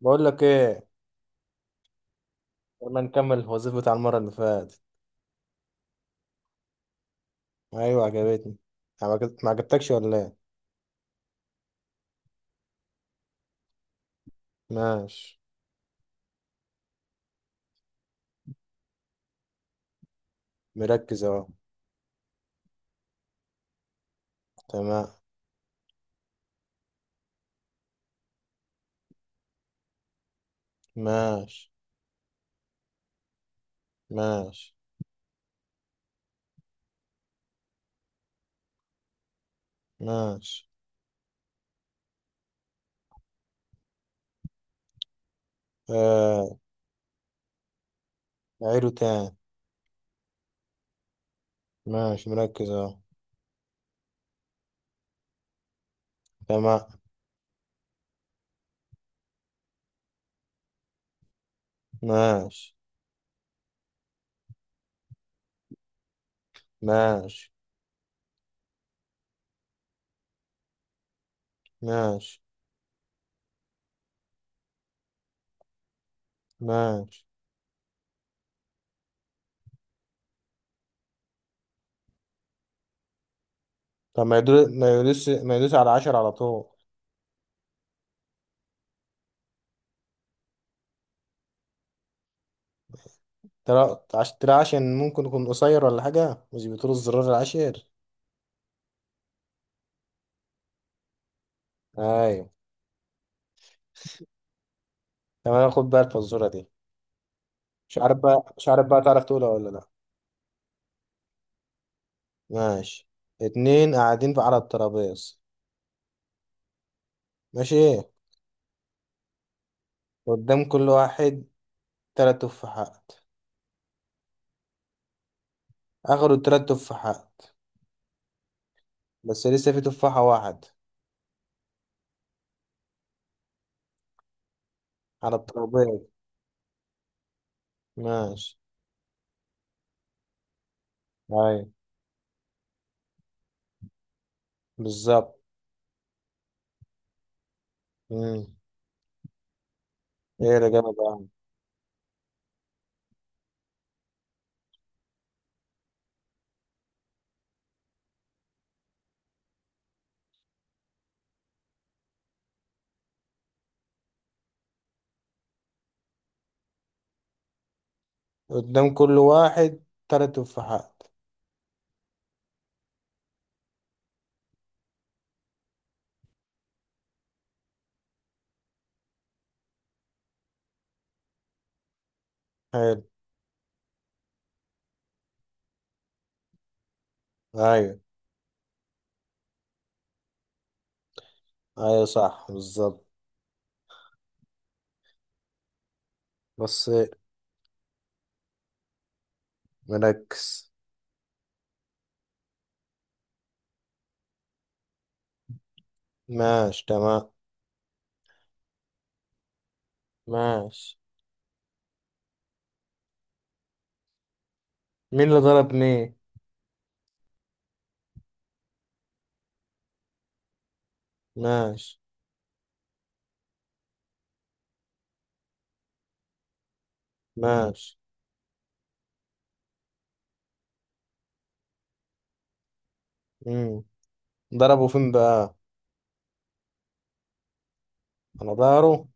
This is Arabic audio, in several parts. بقول لك ايه. يلا نكمل الوظيفة بتاع المرة اللي فاتت. ايوه، عجبتني. ما عجبتكش ولا ايه؟ ماشي، مركز اهو. تمام. ماشي. ماشي. ماشي. آه، عيله تاني. ماشي، مركز اهو. تمام. ماشي. ماشي. ماشي. ماشي. طب ما يدوس ما يدوس ما يدوس على عشر على طول. ترى عشان ممكن يكون قصير ولا حاجة، مش بتقول الزرار العاشر؟ ايوه. تمام، خد بقى الفزورة دي. مش عارف بقى تعرف تقولها ولا لا؟ ماشي. اتنين قاعدين على الترابيز. ماشي، ايه؟ قدام كل واحد تلات تفاحات. اخدوا التلات تفاحات. بس لسه في تفاحة واحد على الترابيز. ماشي. ايوه، بالظبط. مم. ايه اللي جاب بقى؟ قدام كل واحد تلات تفاحات. حلو. ايوه. ايوه، صح، بالظبط. بس. مركز. ماشي. تمام. ماشي. مين اللي ضرب مين؟ ماشي. ماشي. امم ضربه فين بقى؟ على ظهره.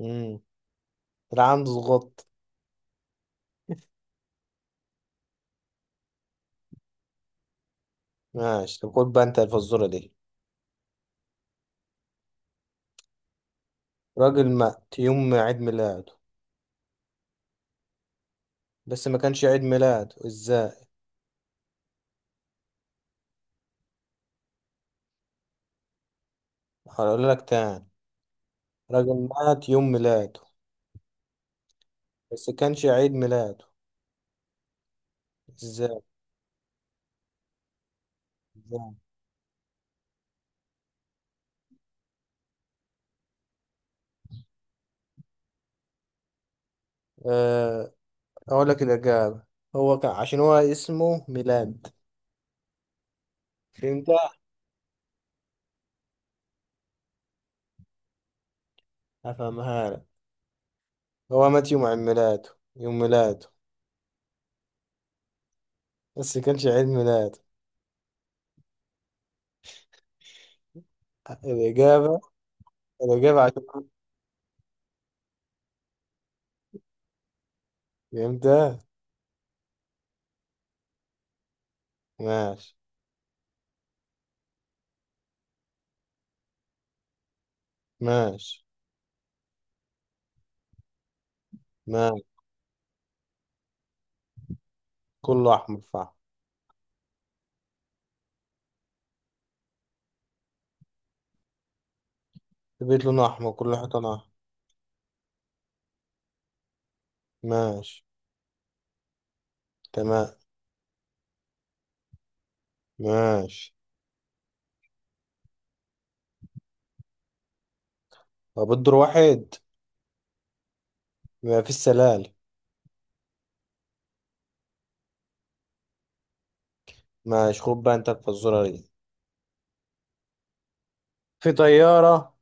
امم العمد عنده ضغط. ماشي. طب خد بقى انت الفزوره دي. راجل مات يوم عيد ميلاده. بس ما كانش عيد ميلاده، ازاي؟ هقول لك تاني. راجل مات يوم ميلاده. بس كانش عيد ميلاده. ازاي؟ ازاي؟ أه، اقول لك الاجابه. هو كان عشان هو اسمه ميلاد. فهمت؟ افهمها لك. هو مات يوم عيد ميلاده. يوم ميلاده. بس كانش عيد ميلاده. الإجابة الإجابة عشان. فهمت. ماشي. ماشي. ماشي. كله أحمر فحم. البيت لونه أحمر، كل حيطانه أحمر. ماشي. تمام. ماشي. طب الدور واحد، ما فيش سلالم. ماشي، خد بقى أنت الفزورة دي. في طيارة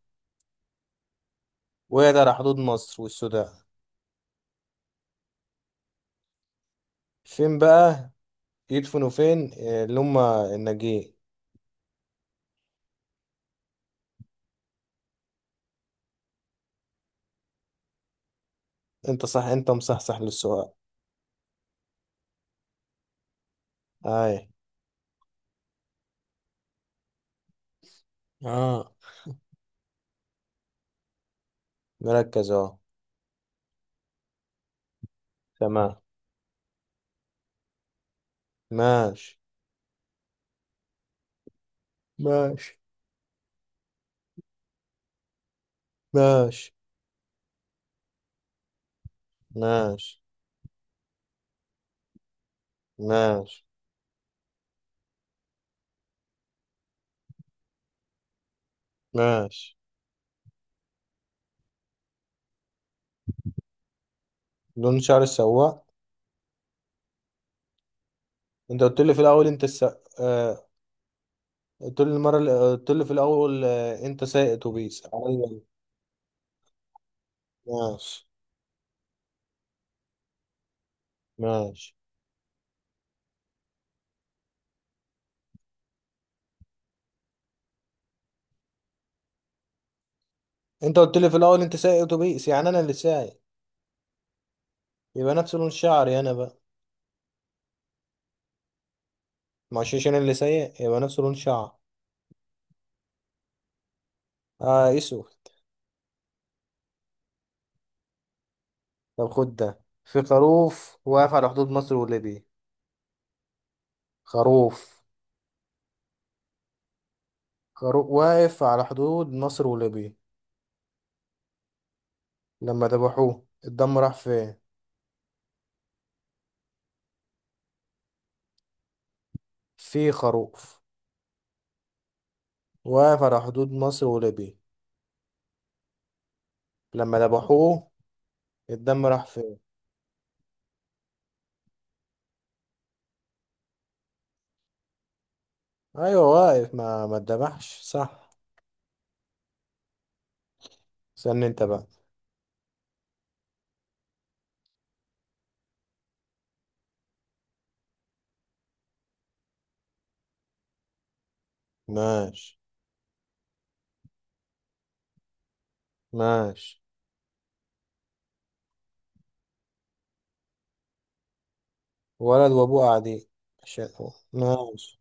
وقعت على حدود مصر والسودان. فين بقى يدفنوا فين اللي هما الناجين؟ أنت صح، أنت مصحصح للسؤال. أي. آه. مركز أهو. تمام. ماشي. ماشي. ماشي. ماشي. ماشي. ماشي. لون شعر السواق. انت قلت لي في الاول آه... قلت لي قلت لي في الاول، انت سايق اتوبيس، ايوه. ماشي. ماشي. انت قلت لي في الاول انت سايق اتوبيس، يعني انا اللي سايق. يبقى نفس لون شعري انا بقى. مش عشان انا اللي سايق، يبقى نفس لون شعر. اه، اسود. طب خد ده. في خروف واقف على حدود مصر وليبيا. خروف. خروف واقف على حدود مصر وليبيا. لما ذبحوه، الدم راح فين؟ في خروف واقف على حدود مصر وليبيا. لما ذبحوه، الدم راح فين؟ ايوه، واقف، ما اتذبحش، صح. استنى انت بقى. ماشي. ماشي. ولد وابوه قاعدين. ماشي.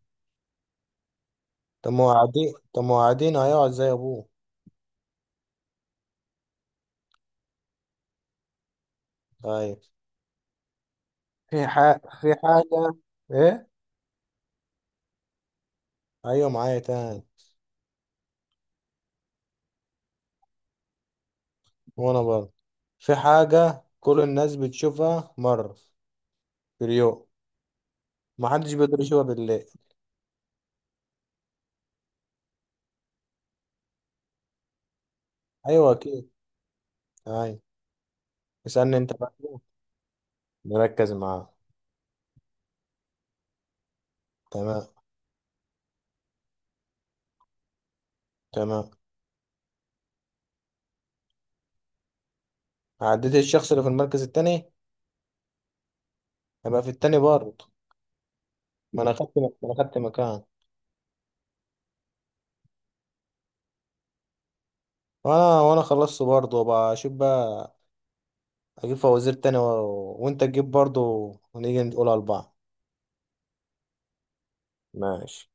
طب ما هو قاعدين هيقعد زي ابوه. طيب. في حاجة. ايه؟ ايوه، معايا تاني. وانا برضه. في حاجة كل الناس بتشوفها مرة في اليوم، محدش بيقدر يشوفها بالليل. ايوه، اكيد. ايوه. اسألني انت بقى. نركز معاه. تمام. تمام. عديت الشخص اللي في المركز التاني. هبقى في التاني برضه. ما انا خدت مكان. وانا خلصت برضه، وبقى اشوف بقى. اجيب فوازير تاني وانت تجيب برضه، ونيجي نقولها لبعض. ماشي.